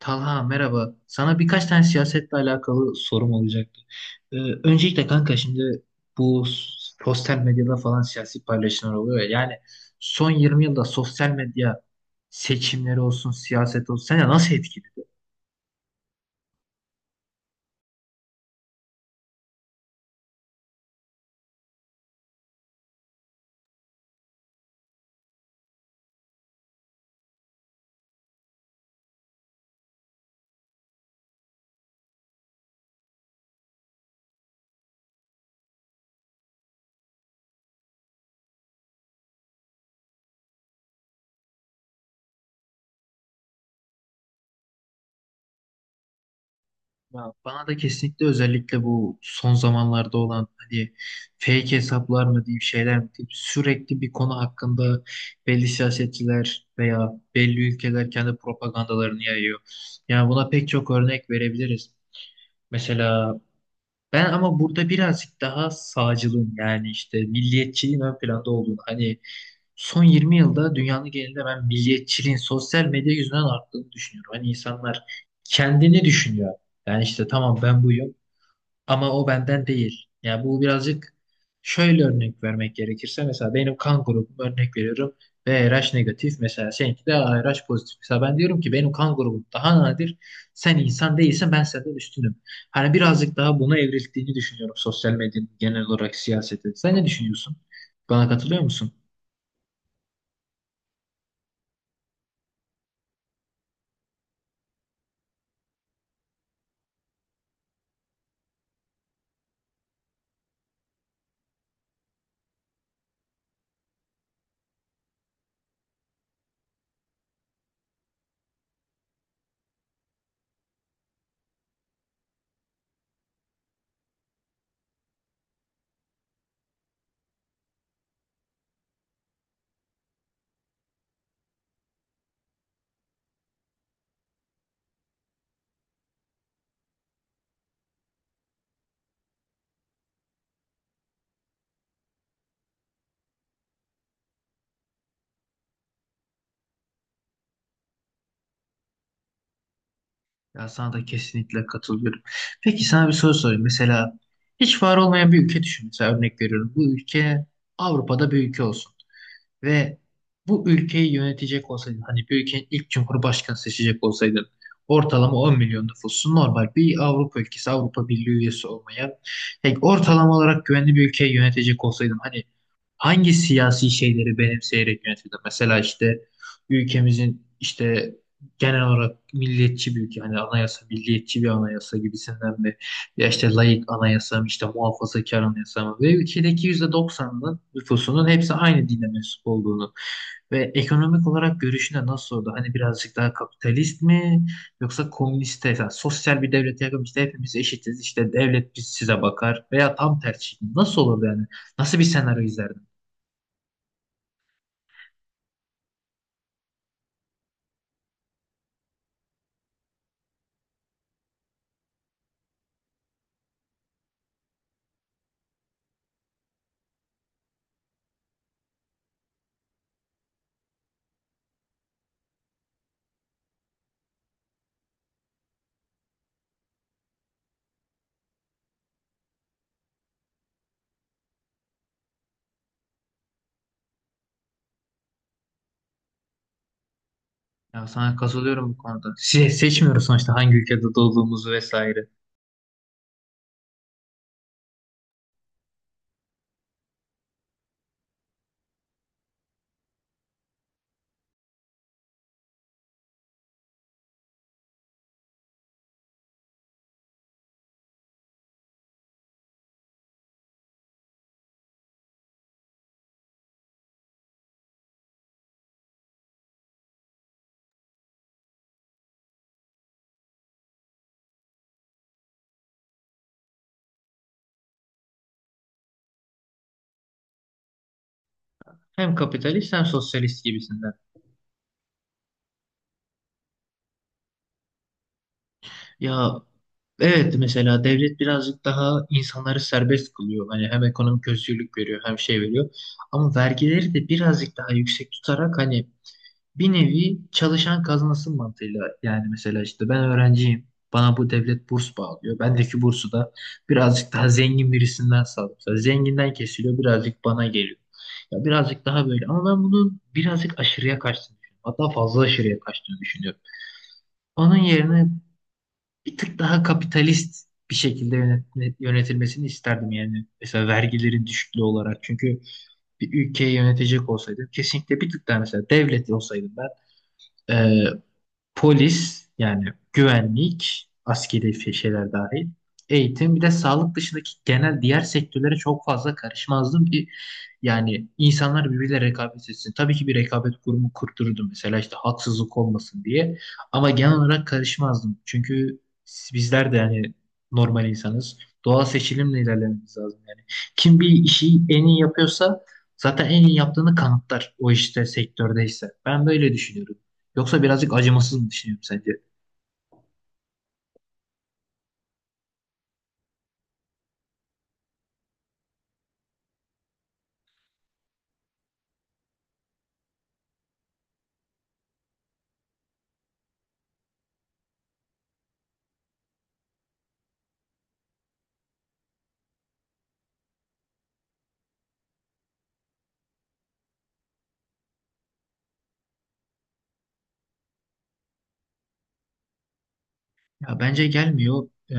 Talha, merhaba. Sana birkaç tane siyasetle alakalı sorum olacaktı. Ee, öncelikle kanka, şimdi bu sosyal medyada falan siyasi paylaşımlar oluyor ya. Yani son 20 yılda sosyal medya seçimleri olsun, siyaset olsun seni nasıl etkili? Ya bana da kesinlikle, özellikle bu son zamanlarda olan, hani fake hesaplar mı diyeyim, şeyler mi diyeyim, sürekli bir konu hakkında belli siyasetçiler veya belli ülkeler kendi propagandalarını yayıyor. Yani buna pek çok örnek verebiliriz. Mesela ben, ama burada birazcık daha sağcılığın, yani işte milliyetçiliğin ön planda olduğunu, hani son 20 yılda dünyanın genelinde ben milliyetçiliğin sosyal medya yüzünden arttığını düşünüyorum. Hani insanlar kendini düşünüyor. Yani işte tamam, ben buyum ama o benden değil. Yani bu birazcık, şöyle örnek vermek gerekirse, mesela benim kan grubum, örnek veriyorum, BRH negatif, mesela seninki de ARH pozitif. Mesela ben diyorum ki benim kan grubum daha nadir. Sen insan değilsen ben senden üstünüm. Hani birazcık daha buna evrildiğini düşünüyorum sosyal medyanın genel olarak siyasete. Sen ne düşünüyorsun? Bana katılıyor musun? Ya sana da kesinlikle katılıyorum. Peki sana bir soru sorayım. Mesela hiç var olmayan bir ülke düşün. Mesela örnek veriyorum. Bu ülke Avrupa'da bir ülke olsun. Ve bu ülkeyi yönetecek olsaydın, hani bir ülkenin ilk cumhurbaşkanı seçecek olsaydın, ortalama 10 milyon nüfusu, normal bir Avrupa ülkesi, Avrupa Birliği üyesi olmayan, yani ortalama olarak güvenli bir ülkeyi yönetecek olsaydın, hani hangi siyasi şeyleri benimseyerek yönetirdin? Mesela işte ülkemizin işte genel olarak milliyetçi bir ülke, hani anayasa milliyetçi bir anayasa gibisinden, ya işte laik anayasa mı, işte muhafazakar anayasa mı? Ve ülkedeki yüzde doksanının nüfusunun hepsi aynı dine mensup olduğunu ve ekonomik olarak görüşüne nasıl oldu? Hani birazcık daha kapitalist mi, yoksa komüniste, yani sosyal bir devlete yakın, işte hepimiz eşitiz, işte devlet biz size bakar, veya tam tersi. Nasıl olurdu yani? Nasıl bir senaryo izlerdin? Ya sana katılıyorum bu konuda. Seçmiyoruz sonuçta hangi ülkede doğduğumuzu vesaire. Hem kapitalist hem sosyalist gibisinden. Ya evet, mesela devlet birazcık daha insanları serbest kılıyor. Hani hem ekonomik özgürlük veriyor, hem şey veriyor. Ama vergileri de birazcık daha yüksek tutarak, hani bir nevi çalışan kazansın mantığıyla. Yani mesela işte ben öğrenciyim. Bana bu devlet burs bağlıyor. Bendeki bursu da birazcık daha zengin birisinden sağlıyor. Mesela zenginden kesiliyor, birazcık bana geliyor. Ya birazcık daha böyle, ama ben bunun birazcık aşırıya kaçtığını düşünüyorum. Hatta fazla aşırıya kaçtığını düşünüyorum. Onun yerine bir tık daha kapitalist bir şekilde yönetilmesini isterdim yani. Mesela vergilerin düşüklüğü olarak. Çünkü bir ülkeyi yönetecek olsaydım, kesinlikle bir tık daha, mesela devlet olsaydım ben, e, polis, yani güvenlik, askeri şeyler dahil, eğitim bir de sağlık dışındaki genel diğer sektörlere çok fazla karışmazdım ki yani insanlar birbiriyle rekabet etsin. Tabii ki bir rekabet kurumu kurdururdum, mesela işte haksızlık olmasın diye, ama genel olarak karışmazdım. Çünkü bizler de yani normal insanız. Doğal seçilimle ilerlememiz lazım yani. Kim bir işi en iyi yapıyorsa zaten en iyi yaptığını kanıtlar o işte sektördeyse. Ben böyle düşünüyorum. Yoksa birazcık acımasız mı düşünüyorum sence? Ya bence gelmiyor.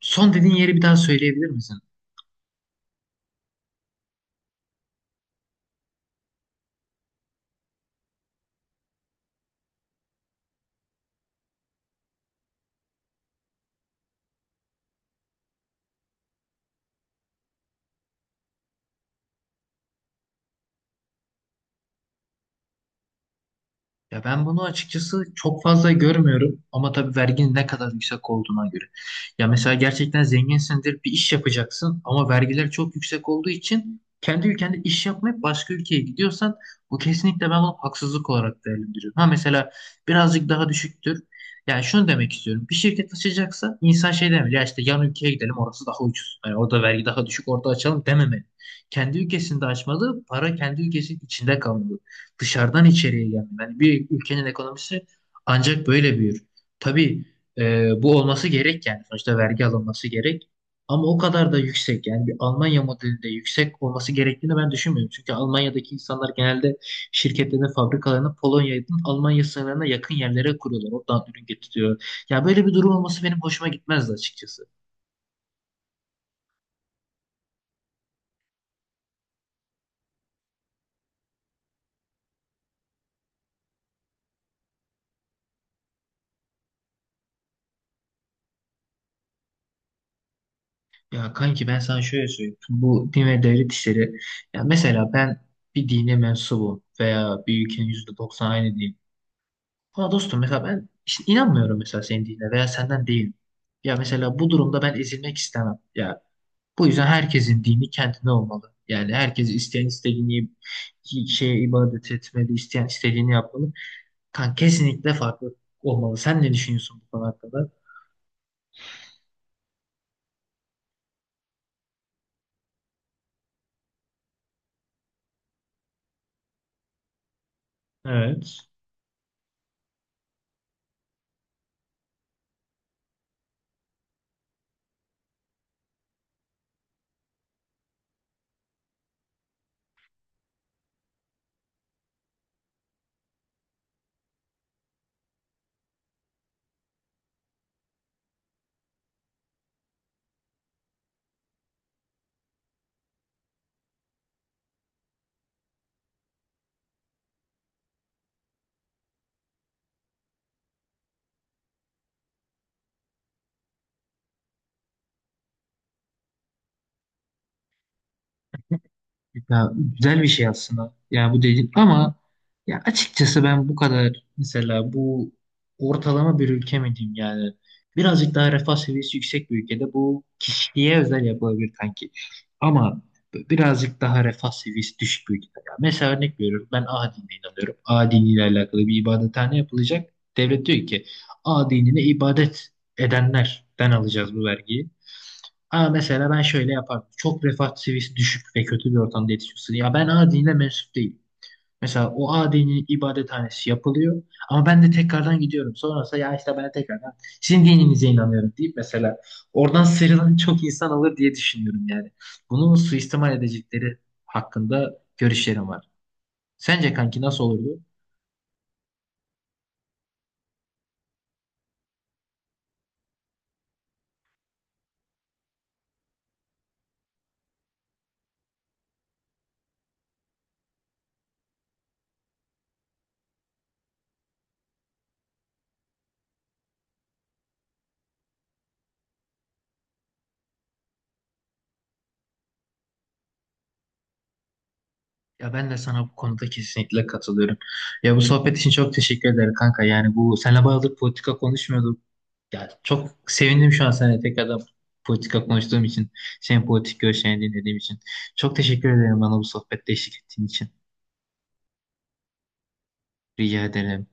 Son dediğin yeri bir daha söyleyebilir misin? Ya ben bunu açıkçası çok fazla görmüyorum, ama tabii verginin ne kadar yüksek olduğuna göre. Ya mesela gerçekten zenginsindir, bir iş yapacaksın ama vergiler çok yüksek olduğu için kendi ülkende iş yapmayıp başka ülkeye gidiyorsan, bu kesinlikle, ben bunu haksızlık olarak değerlendiriyorum. Ha mesela birazcık daha düşüktür. Yani şunu demek istiyorum. Bir şirket açacaksa insan şey demeli. Ya işte yan ülkeye gidelim, orası daha ucuz. Yani orada vergi daha düşük, orada açalım dememeli. Kendi ülkesinde açmalı. Para kendi ülkesinin içinde kalmalı, dışarıdan içeriye gelme. Yani bir ülkenin ekonomisi ancak böyle büyür. Tabii bu olması gerek yani. Sonuçta vergi alınması gerek. Ama o kadar da yüksek, yani bir Almanya modelinde yüksek olması gerektiğini ben düşünmüyorum. Çünkü Almanya'daki insanlar genelde şirketlerin fabrikalarını Polonya'nın Almanya sınırlarına yakın yerlere kuruyorlar. Oradan ürün getiriyor. Ya böyle bir durum olması benim hoşuma gitmezdi açıkçası. Ya kanki ben sana şöyle söyleyeyim. Bu din ve devlet işleri. Ya mesela ben bir dine mensubum veya bir ülkenin %90 aynı din. Ama dostum, mesela ben işte inanmıyorum, mesela senin dinine, veya senden değil. Ya mesela bu durumda ben ezilmek istemem. Ya bu yüzden herkesin dini kendine olmalı. Yani herkes isteyen istediğini şeye ibadet etmeli, isteyen istediğini yapmalı. Kan kesinlikle farklı olmalı. Sen ne düşünüyorsun bu konu hakkında? Evet. Ya güzel bir şey aslında. Ya bu dedik, ama ya açıkçası ben bu kadar, mesela bu ortalama bir ülke mi diyeyim, yani birazcık daha refah seviyesi yüksek bir ülkede bu kişiye özel yapılabilir kanki. Ama birazcık daha refah seviyesi düşük bir ülkede. Ya mesela örnek veriyorum, ben A dinine inanıyorum. A diniyle alakalı bir ibadethane yapılacak. Devlet diyor ki A dinine ibadet edenlerden alacağız bu vergiyi. Ama mesela ben şöyle yapardım. Çok refah seviyesi düşük ve kötü bir ortamda yetişiyorsun. Ya ben adine mensup değilim. Mesela o adinin ibadethanesi yapılıyor. Ama ben de tekrardan gidiyorum. Sonrasında ya işte ben de tekrardan sizin dininize inanıyorum deyip mesela, oradan sıyrılan çok insan olur diye düşünüyorum yani. Bunu suistimal edecekleri hakkında görüşlerim var. Sence kanki nasıl olurdu? Ya ben de sana bu konuda kesinlikle katılıyorum. Ya bu sohbet için çok teşekkür ederim kanka. Yani bu seninle bayağıdır politika konuşmuyorduk. Ya çok sevindim şu an seninle tekrardan politika konuştuğum için. Senin politik görüşlerini dinlediğim için. Çok teşekkür ederim bana bu sohbette eşlik ettiğin için. Rica ederim.